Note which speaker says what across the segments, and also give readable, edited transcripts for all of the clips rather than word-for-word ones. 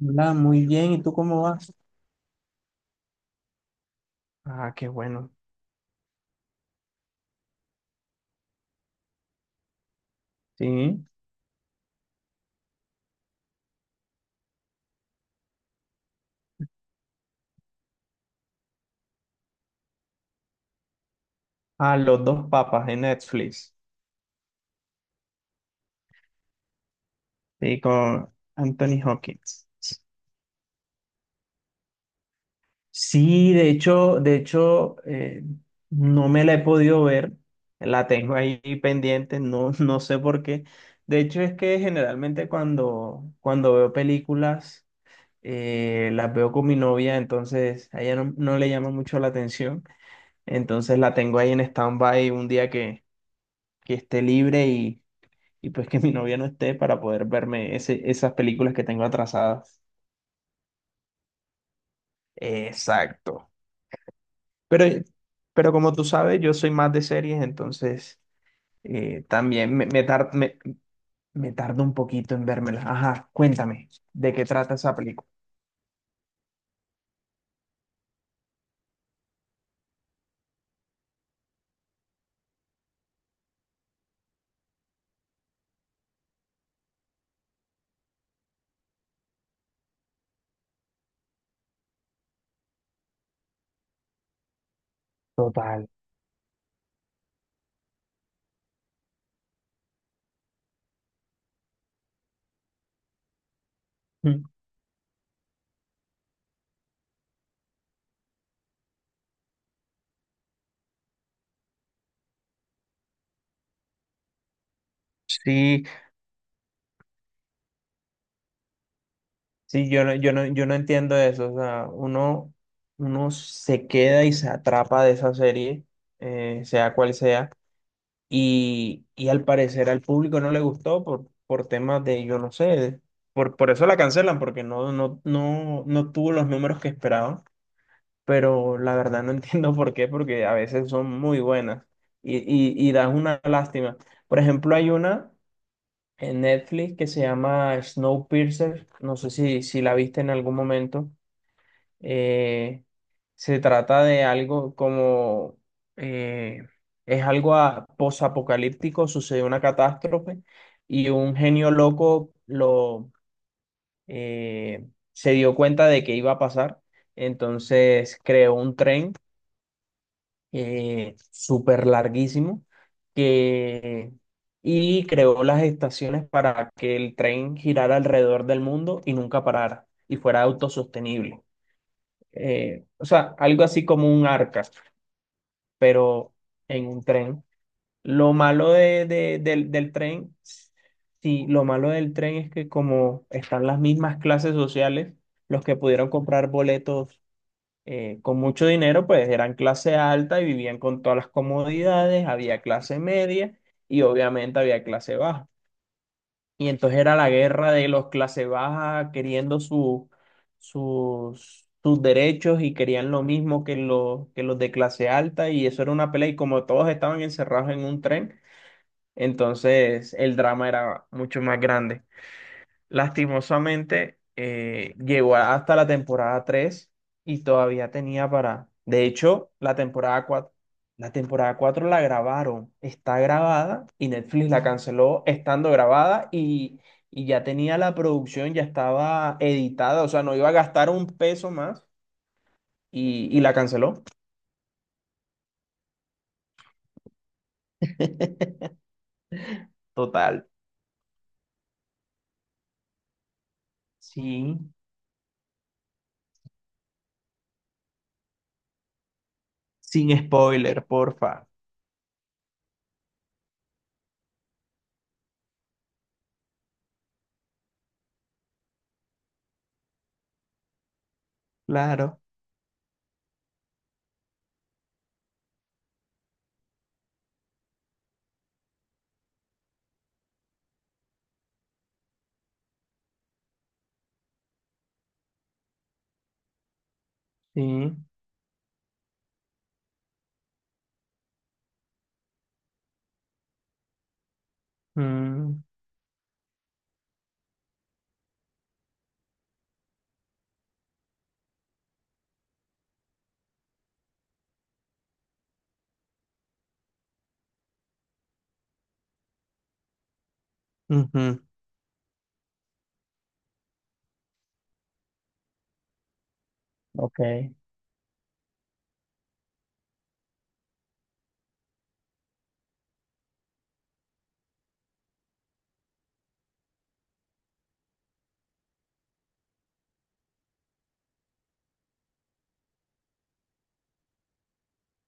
Speaker 1: Hola, muy bien. ¿Y tú cómo vas? Ah, qué bueno. Sí. Ah, Los dos papas de Netflix. Sí, con Anthony Hopkins. Sí, de hecho, no me la he podido ver. La tengo ahí pendiente, no, no sé por qué. De hecho, es que generalmente cuando veo películas, las veo con mi novia, entonces a ella no, no le llama mucho la atención. Entonces la tengo ahí en stand-by un día que esté libre y pues que mi novia no esté para poder verme esas películas que tengo atrasadas. Exacto. Pero, pero como tú sabes, yo soy más de series, entonces también me tardo un poquito en vérmelas. Ajá, cuéntame, ¿de qué trata esa película? Total. Mm. Sí, sí, yo no, yo no, yo no entiendo eso. O sea, uno, uno se queda y se atrapa de esa serie, sea cual sea. Y al parecer al público no le gustó por temas de, yo no sé, por eso la cancelan, porque no, no, no, no tuvo los números que esperaban. Pero la verdad no entiendo por qué, porque a veces son muy buenas y das una lástima. Por ejemplo, hay una en Netflix que se llama Snowpiercer, no sé si, si la viste en algún momento eh, se trata de algo como, eh, es algo posapocalíptico, sucede una catástrofe y un genio loco lo, eh, se dio cuenta de que iba a pasar, entonces creó un tren súper larguísimo que, y creó las estaciones para que el tren girara alrededor del mundo y nunca parara y fuera autosostenible o sea, algo así como un arca, pero en un tren. Lo malo del tren, sí, lo malo del tren es que como están las mismas clases sociales, los que pudieron comprar boletos con mucho dinero, pues eran clase alta y vivían con todas las comodidades, había clase media y obviamente había clase baja. Y entonces era la guerra de los clase baja queriendo sus, sus derechos y querían lo mismo que los de clase alta y eso era una pelea y como todos estaban encerrados en un tren, entonces el drama era mucho más grande. Lastimosamente, llegó hasta la temporada 3 y todavía tenía para... De hecho, la temporada 4, la temporada 4 la grabaron, está grabada y Netflix la canceló estando grabada y ya tenía la producción, ya estaba editada, o sea, no iba a gastar un peso más y la canceló. Total. Sí, sin spoiler, porfa. Claro, sí. Mm, ujú. Ok.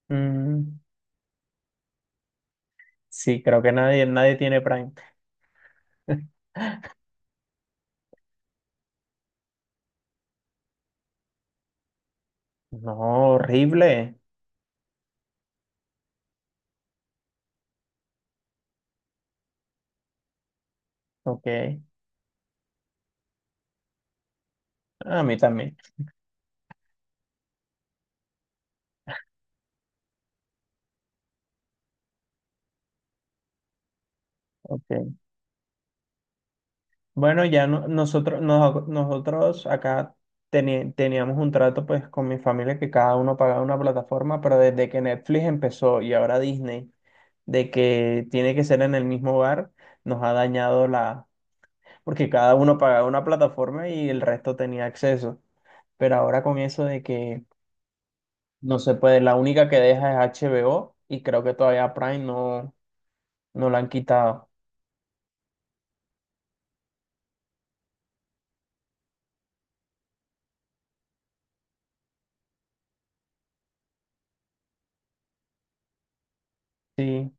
Speaker 1: Mm. Sí, creo que nadie, nadie tiene Prime. No, horrible. Ok. A mí también. Ok. Bueno, ya nosotros, nosotros acá teníamos un trato pues con mi familia que cada uno pagaba una plataforma, pero desde que Netflix empezó y ahora Disney, de que tiene que ser en el mismo hogar, nos ha dañado la... porque cada uno pagaba una plataforma y el resto tenía acceso. Pero ahora con eso de que no se puede, la única que deja es HBO y creo que todavía Prime no, no la han quitado. Sí.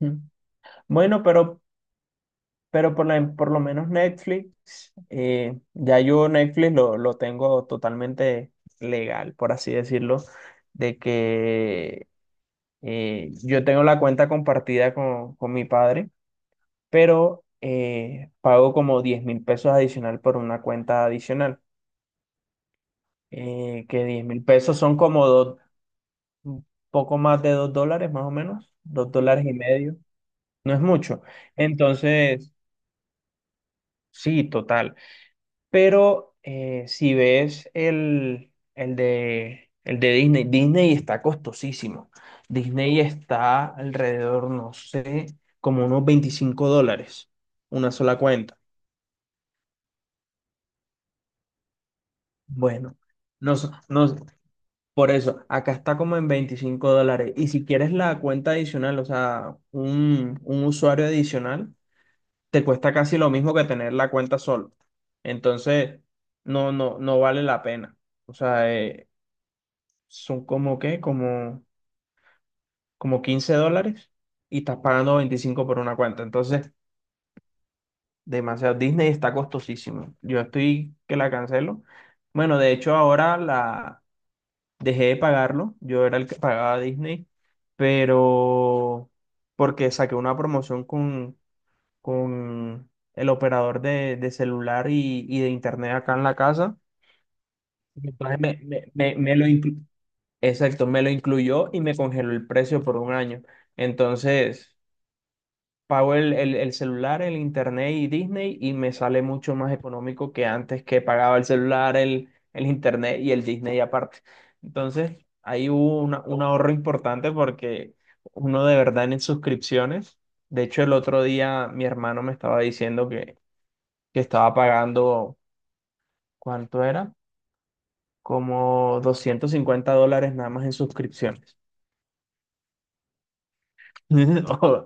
Speaker 1: Mm. Bueno, pero por, por lo menos Netflix, ya yo Netflix lo tengo totalmente legal, por así decirlo, de que yo tengo la cuenta compartida con mi padre, pero pago como 10.000 pesos adicional por una cuenta adicional, que 10.000 pesos son como dos un poco más de 2 dólares, más o menos, 2,5 dólares, no es mucho. Entonces, sí, total. Pero si ves el de Disney, Disney está costosísimo. Disney está alrededor, no sé, como unos 25 dólares, una sola cuenta. Bueno, no nos, por eso, acá está como en 25 dólares. Y si quieres la cuenta adicional, o sea, un usuario adicional, te cuesta casi lo mismo que tener la cuenta solo. Entonces, no, no, no vale la pena. O sea, son como qué, como, como 15 dólares y estás pagando 25 por una cuenta. Entonces, demasiado. Disney está costosísimo. Yo estoy que la cancelo. Bueno, de hecho, ahora la dejé de pagarlo. Yo era el que pagaba Disney, pero porque saqué una promoción con el operador de celular y de internet acá en la casa. Entonces me lo exacto, me lo incluyó y me congeló el precio por un año. Entonces, pago el celular, el internet y Disney y me sale mucho más económico que antes que pagaba el celular, el internet y el Disney aparte. Entonces, ahí hubo un ahorro importante porque uno de verdad en suscripciones. De hecho, el otro día mi hermano me estaba diciendo que estaba pagando, ¿cuánto era? Como 250 dólares nada más en suscripciones. No,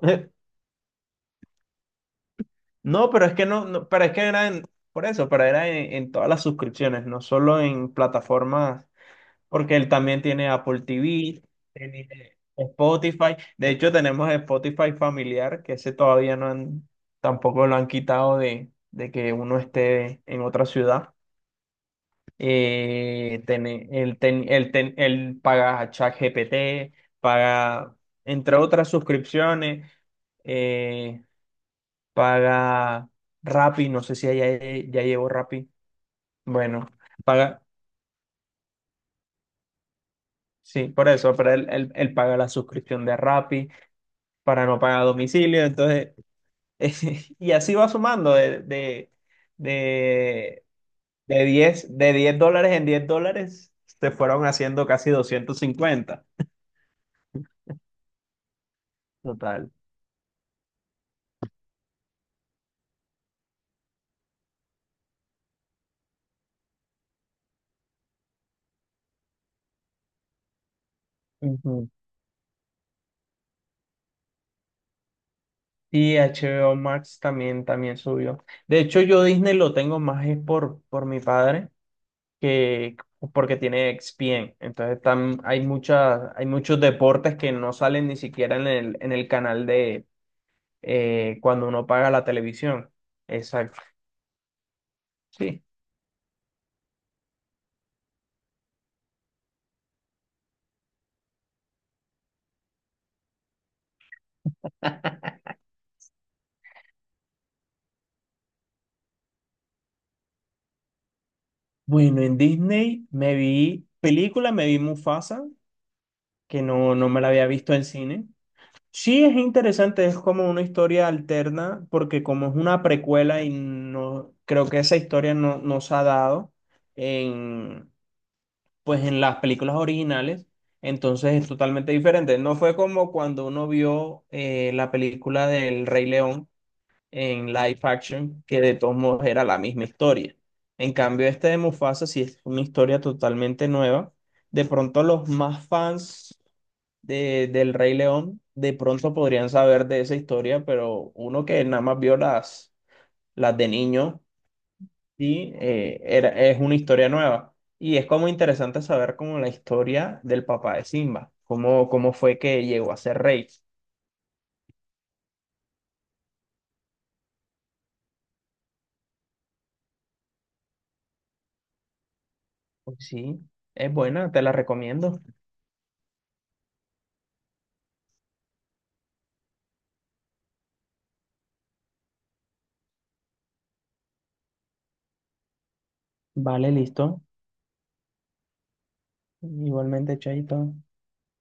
Speaker 1: no, pero es que no, no, pero es que por eso, pero era en todas las suscripciones, no solo en plataformas, porque él también tiene Apple TV, tiene Spotify. De hecho, tenemos Spotify familiar, que ese todavía no han, tampoco lo han quitado de que uno esté en otra ciudad. El paga a ChatGPT, paga, entre otras suscripciones, eh, paga Rappi, no sé si ya, ya llevo Rappi. Bueno, paga, sí, por eso, pero él, él paga la suscripción de Rappi para no pagar domicilio, entonces, y así va sumando de, de 10 dólares en 10 dólares, se fueron haciendo casi 250 total. Ujú. Y HBO Max también, también subió. De hecho, yo Disney lo tengo más es por mi padre que porque tiene ESPN. Entonces están hay muchas, hay muchos deportes que no salen ni siquiera en el canal de cuando uno paga la televisión. Exacto. Sí. Bueno, en Disney me vi película, me vi Mufasa, que no, no me la había visto en cine. Sí, es interesante, es como una historia alterna, porque como es una precuela y no creo que esa historia no, no se ha dado en, pues en las películas originales, entonces es totalmente diferente. No fue como cuando uno vio la película del Rey León en live action, que de todos modos era la misma historia. En cambio, este de Mufasa sí es una historia totalmente nueva. De pronto los más fans de, del Rey León, de pronto podrían saber de esa historia, pero uno que nada más vio las de niño, sí, es una historia nueva. Y es como interesante saber como la historia del papá de Simba, cómo, cómo fue que llegó a ser rey. Pues sí, es buena, te la recomiendo. Vale, listo. Igualmente, Chaito.